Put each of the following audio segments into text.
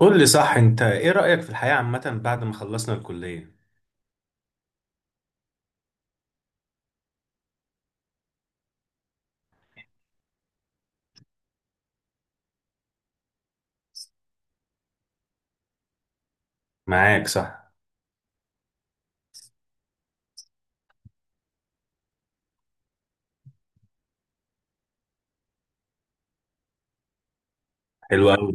قول لي صح، انت ايه رأيك في الحياة عامة بعد ما خلصنا الكلية؟ معاك صح. حلو قوي.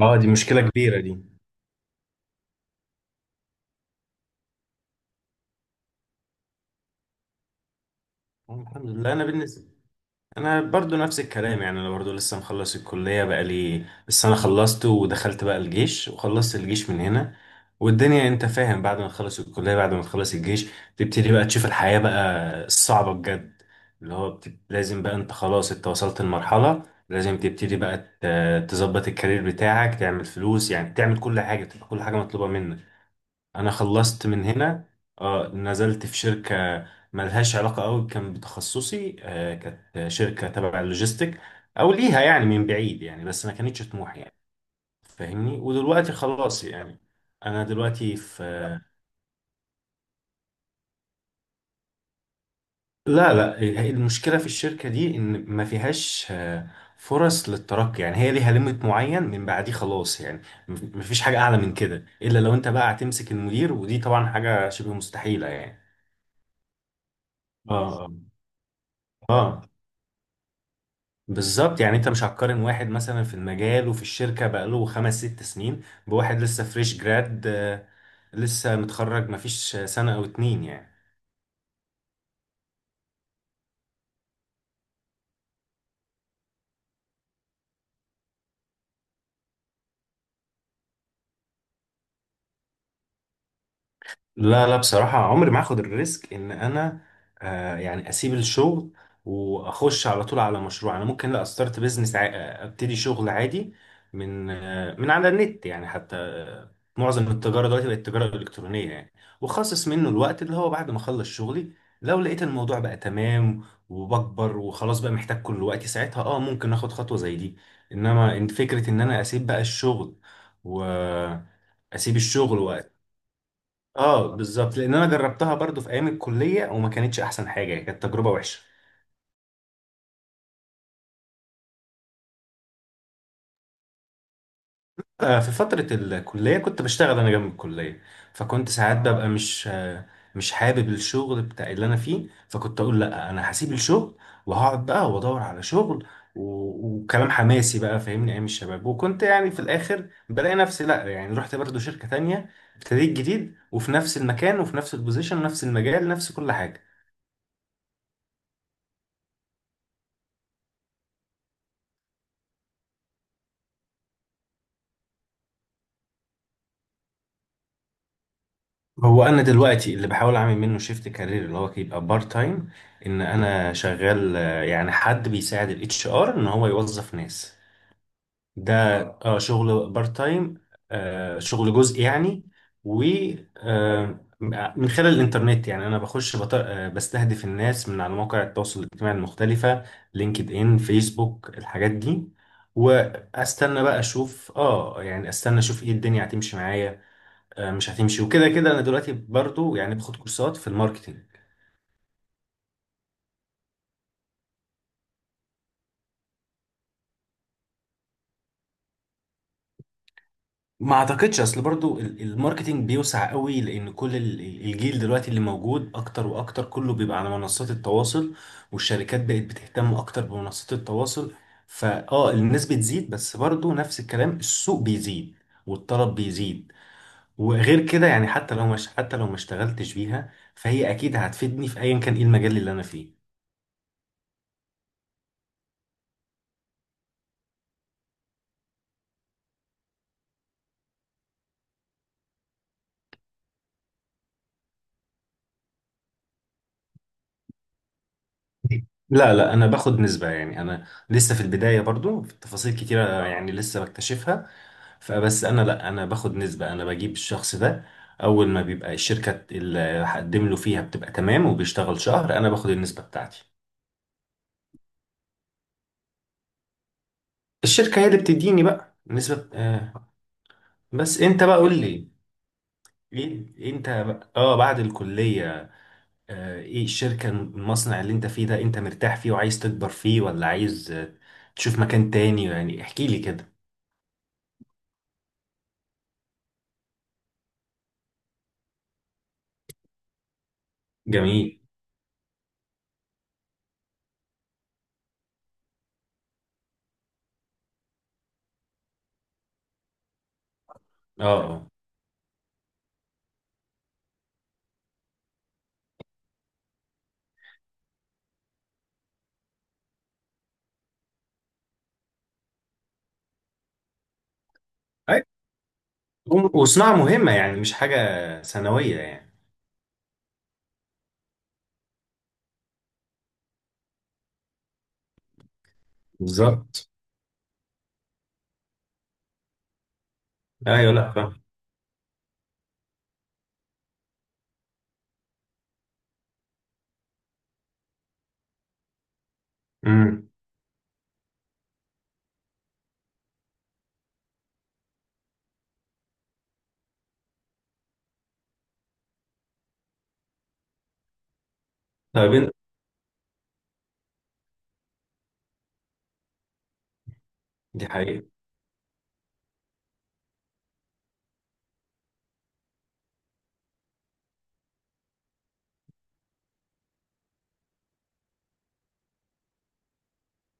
اه، دي مشكلة كبيرة دي. الحمد لله. انا بالنسبة، انا برضو نفس الكلام، يعني انا برضو لسه مخلص الكلية. بقى لي لسه، انا خلصت ودخلت بقى الجيش وخلصت الجيش من هنا. والدنيا، انت فاهم، بعد ما تخلص الكلية بعد ما تخلص الجيش، تبتدي بقى تشوف الحياة بقى الصعبة بجد. اللي هو لازم بقى انت، خلاص انت وصلت لمرحلة لازم تبتدي بقى تظبط الكارير بتاعك، تعمل فلوس، يعني تعمل كل حاجة، تبقى كل حاجة مطلوبة منك. انا خلصت من هنا، اه نزلت في شركه ملهاش علاقه قوي كان بتخصصي، كانت شركه تبع اللوجيستيك، او ليها يعني من بعيد يعني، بس ما كانتش طموحي يعني. فاهمني. ودلوقتي خلاص يعني، انا دلوقتي في... لا لا. المشكله في الشركه دي ان ما فيهاش فرص للترقي، يعني هي ليها ليميت معين، من بعديه خلاص يعني، ما فيش حاجه اعلى من كده الا لو انت بقى هتمسك المدير، ودي طبعا حاجه شبه مستحيله يعني. اه، اه، آه. بالظبط، يعني انت مش هتقارن واحد مثلا في المجال وفي الشركة بقاله 5 6 سنين بواحد لسه فريش جراد، لسه متخرج مفيش سنة او 2 يعني. لا لا بصراحة عمري ما هاخد الريسك ان انا يعني اسيب الشغل واخش على طول على مشروع. انا ممكن، لا، استارت بيزنس ع... آه، ابتدي شغل عادي من على النت يعني، حتى معظم التجارة دلوقتي بقت التجارة الالكترونية يعني. واخصص منه الوقت اللي هو بعد ما اخلص شغلي، لو لقيت الموضوع بقى تمام وبكبر وخلاص بقى محتاج كل وقتي ساعتها، اه ممكن اخد خطوة زي دي. انما إن فكرة ان انا اسيب بقى الشغل و... اسيب الشغل، اه بالظبط، لان انا جربتها برضو في ايام الكليه وما كانتش احسن حاجه، كانت تجربه وحشه. في فتره الكليه كنت بشتغل انا جنب الكليه، فكنت ساعات ببقى مش حابب الشغل بتاع اللي انا فيه، فكنت اقول لا انا هسيب الشغل وهقعد بقى وادور على شغل، و- وكلام حماسي بقى، فاهمني ايام الشباب. وكنت يعني في الاخر بلاقي نفسي لا، يعني رحت برضو شركه تانية، ابتديت جديد وفي نفس المكان وفي نفس البوزيشن ونفس المجال، نفس كل حاجه. هو انا دلوقتي اللي بحاول اعمل منه شيفت كارير اللي هو يبقى بارت تايم، ان انا شغال، يعني حد بيساعد الـ HR ان هو يوظف ناس ده. اه، اه، شغل بارت تايم، شغل جزء يعني. و آه، من خلال الانترنت يعني، انا بخش بستهدف الناس من على مواقع التواصل الاجتماعي المختلفة، LinkedIn، فيسبوك، الحاجات دي. واستنى بقى اشوف، اه يعني استنى اشوف ايه الدنيا هتمشي معايا. مش هتمشي، وكده كده انا دلوقتي برضو يعني باخد كورسات في الماركتينج. ما اعتقدش، اصل برضو الماركتينج بيوسع قوي، لان كل الجيل دلوقتي اللي موجود اكتر واكتر كله بيبقى على منصات التواصل، والشركات بقت بتهتم اكتر بمنصات التواصل. فاه، الناس بتزيد، بس برضو نفس الكلام، السوق بيزيد والطلب بيزيد. وغير كده يعني حتى لو ما اشتغلتش بيها، فهي اكيد هتفيدني في ايا كان ايه المجال اللي انا فيه. لا لا، انا باخد نسبة، يعني انا لسه في البداية برضو، في تفاصيل كتيرة يعني لسه بكتشفها. فبس انا، لا، انا باخد نسبة، انا بجيب الشخص ده، اول ما بيبقى الشركة اللي هقدم له فيها بتبقى تمام وبيشتغل شهر، انا باخد النسبة بتاعتي. الشركة هي اللي بتديني بقى نسبة، آه. بس انت بقى قول لي، ايه انت بقى، اه، بعد الكلية، ايه الشركة، المصنع اللي انت فيه ده، انت مرتاح فيه وعايز تكبر فيه، ولا عايز تشوف مكان تاني؟ يعني احكي لي كده. جميل. اه، اه. أي، وصناعة مهمة يعني، مش حاجة ثانوية يعني. بالظبط، ايوه. لا، فاهم. امم. طيب انت. دي حقيقة.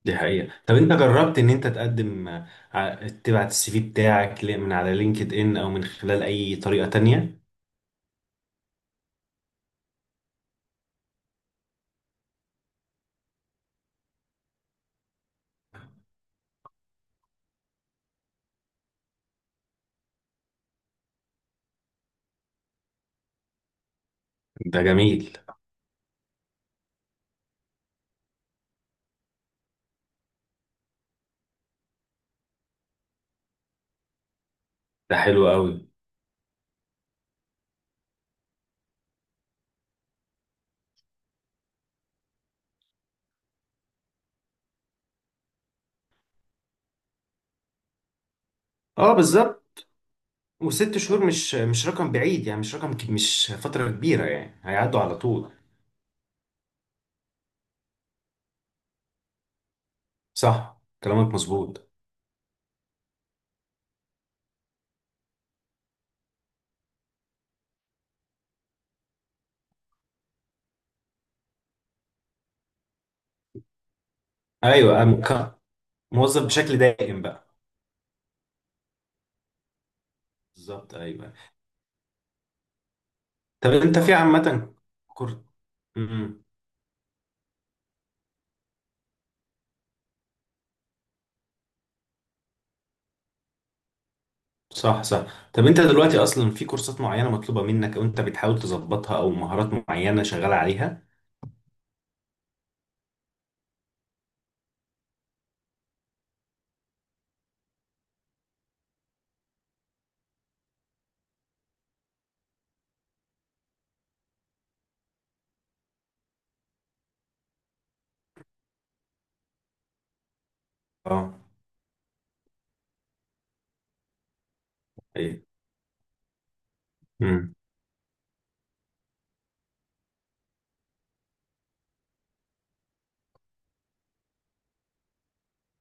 دي حقيقة، طب انت جربت ان انت تقدم، تبعت CV بتاعك من على LinkedIn او من خلال اي طريقة تانية؟ ده جميل. ده حلو قوي. اه بالظبط. وست شهور مش رقم بعيد يعني، مش رقم مش فترة كبيرة يعني، هيعدوا على طول. صح، كلامك مظبوط. ايوه، موظف بشكل دائم بقى. بالظبط، ايوه. طب انت في عامة. كورس. امم. صح صح، طب انت دلوقتي اصلا في كورسات معينة مطلوبة منك، او انت بتحاول تظبطها، او مهارات معينة شغال عليها؟ اه، ايه.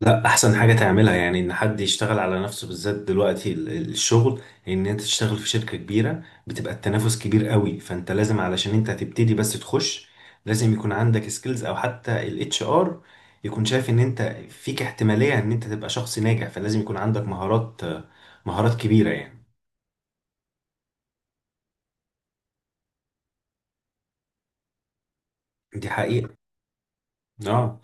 لا، احسن حاجه تعملها يعني ان حد يشتغل على نفسه، بالذات دلوقتي الشغل. ان انت تشتغل في شركه كبيره بتبقى التنافس كبير قوي، فانت لازم، علشان انت هتبتدي بس تخش، لازم يكون عندك سكيلز او حتى الـ HR يكون شايف ان انت فيك احتماليه ان انت تبقى شخص ناجح. فلازم يكون عندك مهارات، مهارات كبيره يعني. دي حقيقه، اه،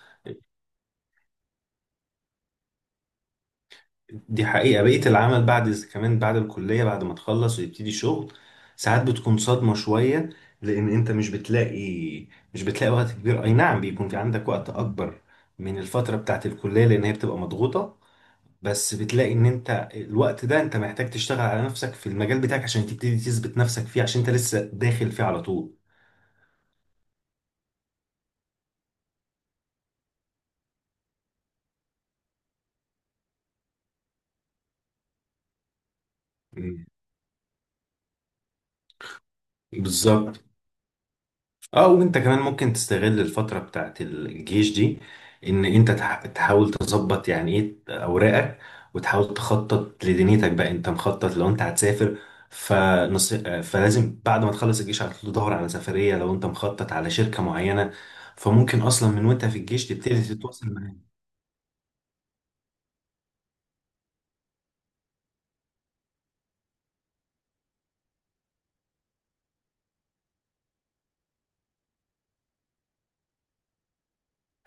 دي حقيقة. بقية العمل بعد كمان بعد الكلية، بعد ما تخلص ويبتدي شغل، ساعات بتكون صدمة شوية، لأن أنت مش بتلاقي وقت كبير. أي نعم، بيكون في عندك وقت أكبر من الفترة بتاعت الكلية لأن هي بتبقى مضغوطة، بس بتلاقي إن أنت الوقت ده أنت محتاج تشتغل على نفسك في المجال بتاعك عشان تبتدي تثبت نفسك فيه، عشان أنت لسه داخل فيه على طول. مم. بالظبط. اه، وانت كمان ممكن تستغل الفترة بتاعت الجيش دي، ان انت تحاول تظبط يعني ايه اوراقك، وتحاول تخطط لدنيتك بقى. انت مخطط لو انت هتسافر؟ فلازم بعد ما تخلص الجيش على طول تدور على سفرية، لو انت مخطط على شركة معينة فممكن اصلا من وانت في الجيش تبتدي تتواصل معاها.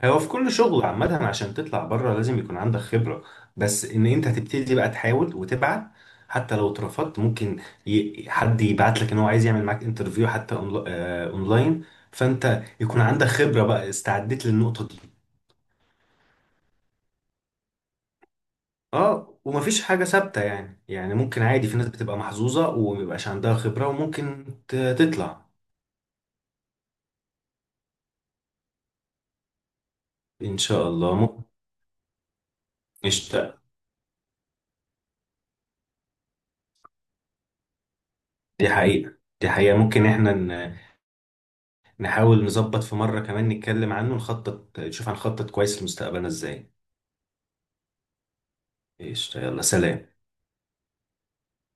هو في كل شغل عامة، عشان تطلع بره لازم يكون عندك خبرة، بس ان انت تبتدي بقى تحاول وتبعت حتى لو اترفضت، ممكن حد يبعت لك ان هو عايز يعمل معاك انترفيو، حتى اونلاين. فانت يكون عندك خبرة بقى، استعديت للنقطة دي. اه، ومفيش حاجة ثابتة يعني ممكن عادي في ناس بتبقى محظوظة ومبيبقاش عندها خبرة وممكن تطلع. ان شاء الله، ممكن نشتغل. دي حقيقة، دي حقيقة. ممكن احنا نحاول نظبط في مرة كمان نتكلم عنه، نخطط نشوف هنخطط كويس لمستقبلنا ازاي. قشطة، يلا سلام.